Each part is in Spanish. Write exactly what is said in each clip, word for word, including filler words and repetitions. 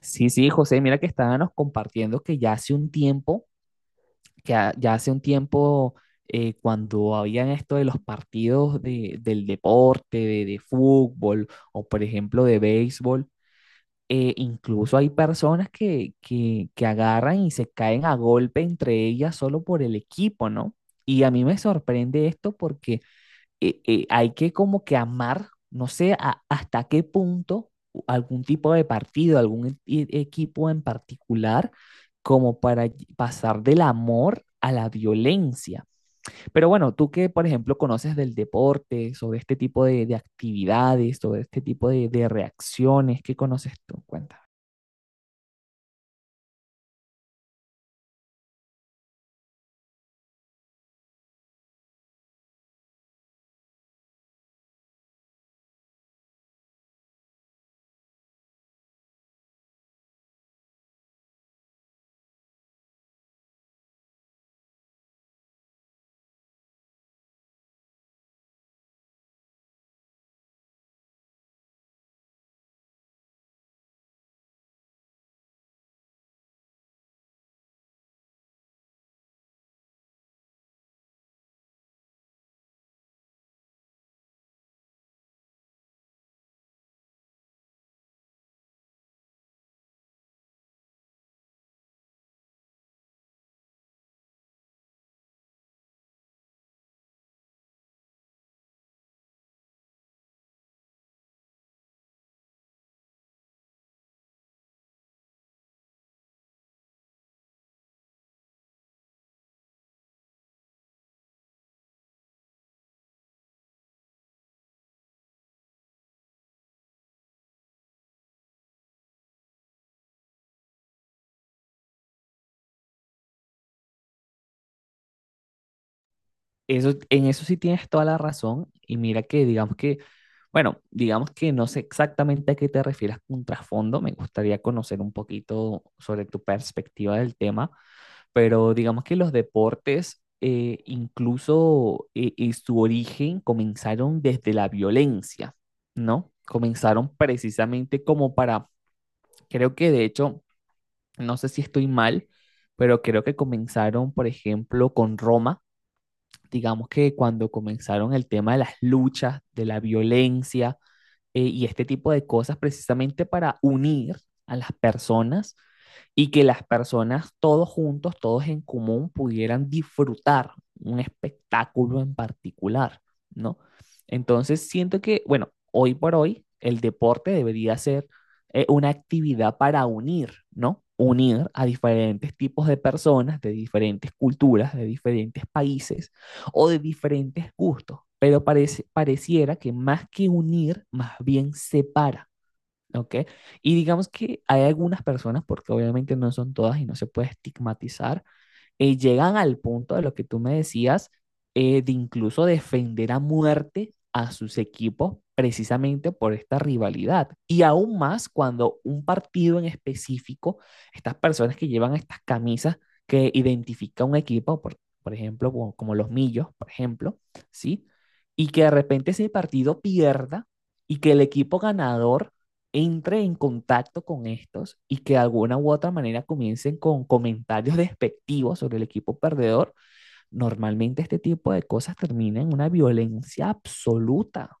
Sí, sí, José, mira que estábamos compartiendo que ya hace un tiempo, que ha- ya hace un tiempo, eh, cuando habían esto de los partidos de- del deporte, de, de fútbol o por ejemplo de béisbol. Eh, incluso hay personas que, que, que agarran y se caen a golpe entre ellas solo por el equipo, ¿no? Y a mí me sorprende esto porque eh, eh, hay que como que amar, no sé a- hasta qué punto algún tipo de partido, algún e- e, equipo en particular, como para ll- pasar del amor a la violencia. Pero bueno, tú que, por ejemplo, conoces del deporte, sobre este tipo de, de actividades, sobre este tipo de, de reacciones, ¿qué conoces tú? Cuéntame. Eso, en eso sí tienes toda la razón. Y mira que, digamos que, bueno, digamos que no sé exactamente a qué te refieres con trasfondo, me gustaría conocer un poquito sobre tu perspectiva del tema, pero digamos que los deportes, eh, incluso eh, eh, su origen, comenzaron desde la violencia, ¿no? Comenzaron precisamente como para, creo que de hecho, no sé si estoy mal, pero creo que comenzaron, por ejemplo, con Roma, digamos que cuando comenzaron el tema de las luchas, de la violencia, eh, y este tipo de cosas precisamente para unir a las personas y que las personas todos juntos, todos en común, pudieran disfrutar un espectáculo en particular, ¿no? Entonces siento que, bueno, hoy por hoy el deporte debería ser eh, una actividad para unir, ¿no? Unir a diferentes tipos de personas, de diferentes culturas, de diferentes países, o de diferentes gustos, pero parece, pareciera que más que unir, más bien separa. ¿Ok? Y digamos que hay algunas personas, porque obviamente no son todas y no se puede estigmatizar, eh, llegan al punto de lo que tú me decías, eh, de incluso defender a muerte a sus equipos precisamente por esta rivalidad. Y aún más cuando un partido en específico, estas personas que llevan estas camisas que identifica un equipo, por, por ejemplo, como, como los Millos, por ejemplo, ¿sí? Y que de repente ese partido pierda y que el equipo ganador entre en contacto con estos y que de alguna u otra manera comiencen con comentarios despectivos sobre el equipo perdedor, normalmente este tipo de cosas termina en una violencia absoluta.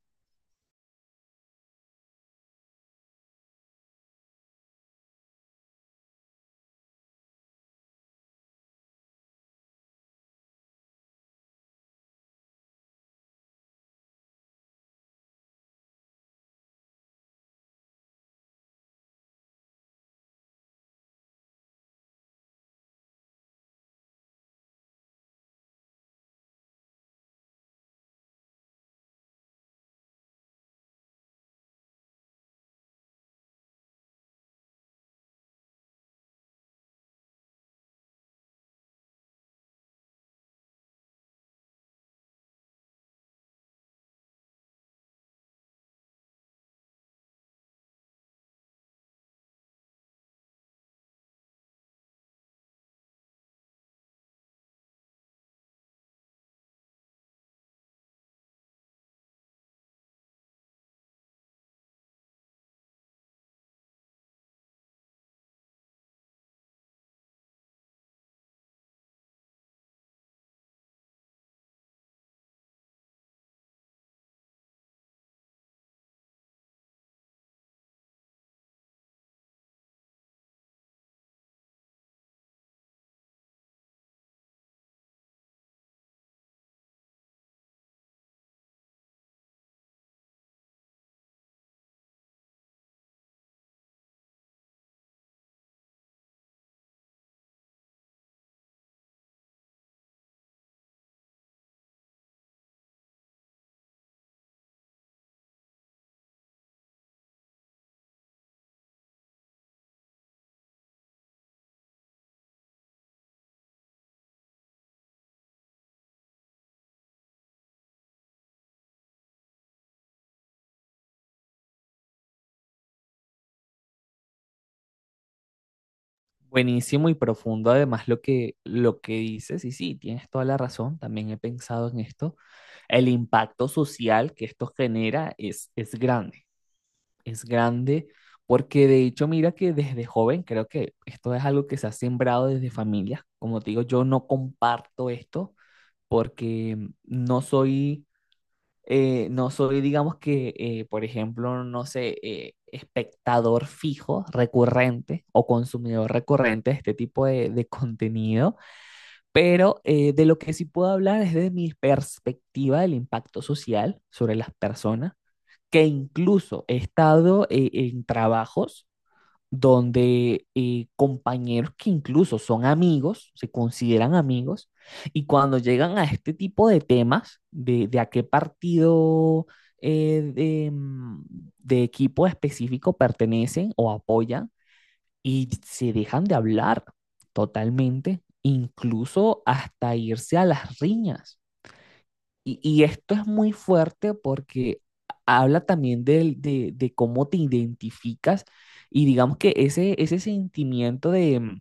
Buenísimo y profundo además lo que, lo que dices, y sí, tienes toda la razón, también he pensado en esto, el impacto social que esto genera es, es grande. Es grande, porque de hecho, mira que desde joven creo que esto es algo que se ha sembrado desde familias. Como te digo, yo no comparto esto porque no soy, eh, no soy, digamos que, eh, por ejemplo, no sé, eh, espectador fijo, recurrente o consumidor recurrente de este tipo de, de contenido, pero eh, de lo que sí puedo hablar es de mi perspectiva del impacto social sobre las personas, que incluso he estado eh, en trabajos donde eh, compañeros que incluso son amigos, se consideran amigos, y cuando llegan a este tipo de temas, de, de a qué partido eh, de, mm, de equipo específico pertenecen o apoyan, y se dejan de hablar totalmente, incluso hasta irse a las riñas. Y, y esto es muy fuerte porque habla también del- de, de cómo te identificas y digamos que ese, ese sentimiento de,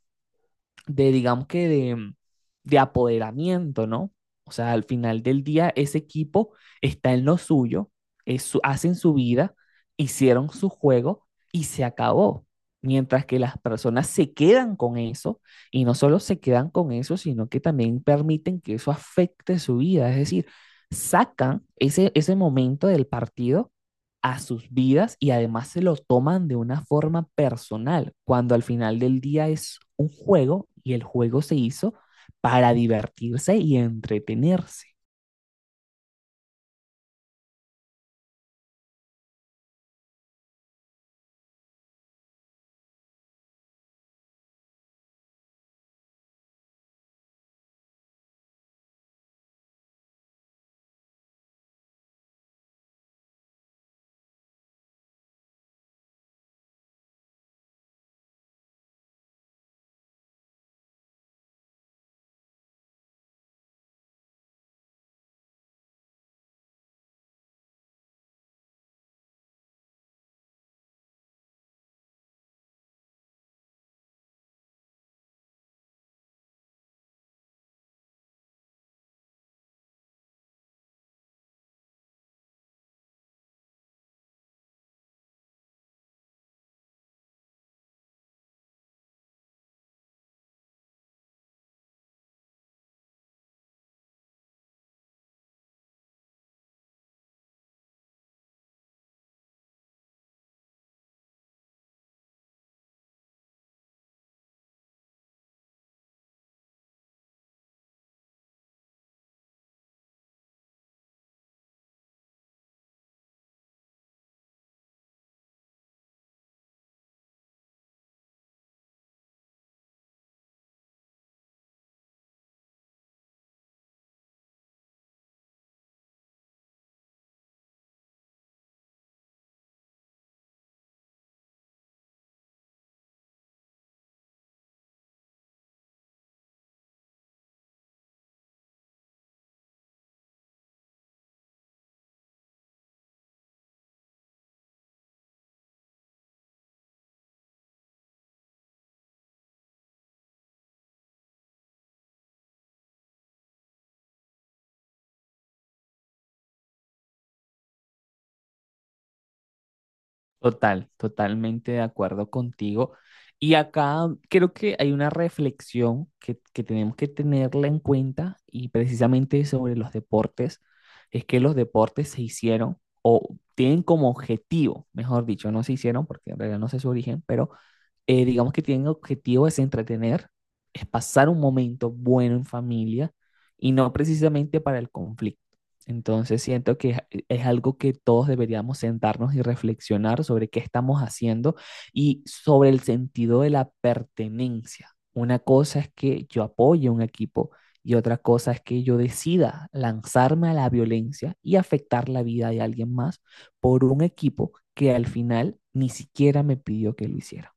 de digamos que de, de apoderamiento, ¿no? O sea, al final del día ese equipo está en lo suyo, es su- hacen su vida, hicieron su juego y se acabó. Mientras que las personas se quedan con eso y no solo se quedan con eso, sino que también permiten que eso afecte su vida. Es decir, sacan ese, ese momento del partido a sus vidas y además se lo toman de una forma personal, cuando al final del día es un juego y el juego se hizo para divertirse y entretenerse. Total, totalmente de acuerdo contigo. Y acá creo que hay una reflexión que, que tenemos que tenerla en cuenta y precisamente sobre los deportes, es que los deportes se hicieron o tienen como objetivo, mejor dicho, no se hicieron porque en realidad no sé su origen, pero eh, digamos que tienen objetivo es entretener, es pasar un momento bueno en familia y no precisamente para el conflicto. Entonces siento que es- es algo que todos deberíamos sentarnos y reflexionar sobre qué estamos haciendo y sobre el sentido de la pertenencia. Una cosa es que yo apoye un equipo y otra cosa es que yo decida lanzarme a la violencia y afectar la vida de alguien más por un equipo que al final ni siquiera me pidió que lo hiciera.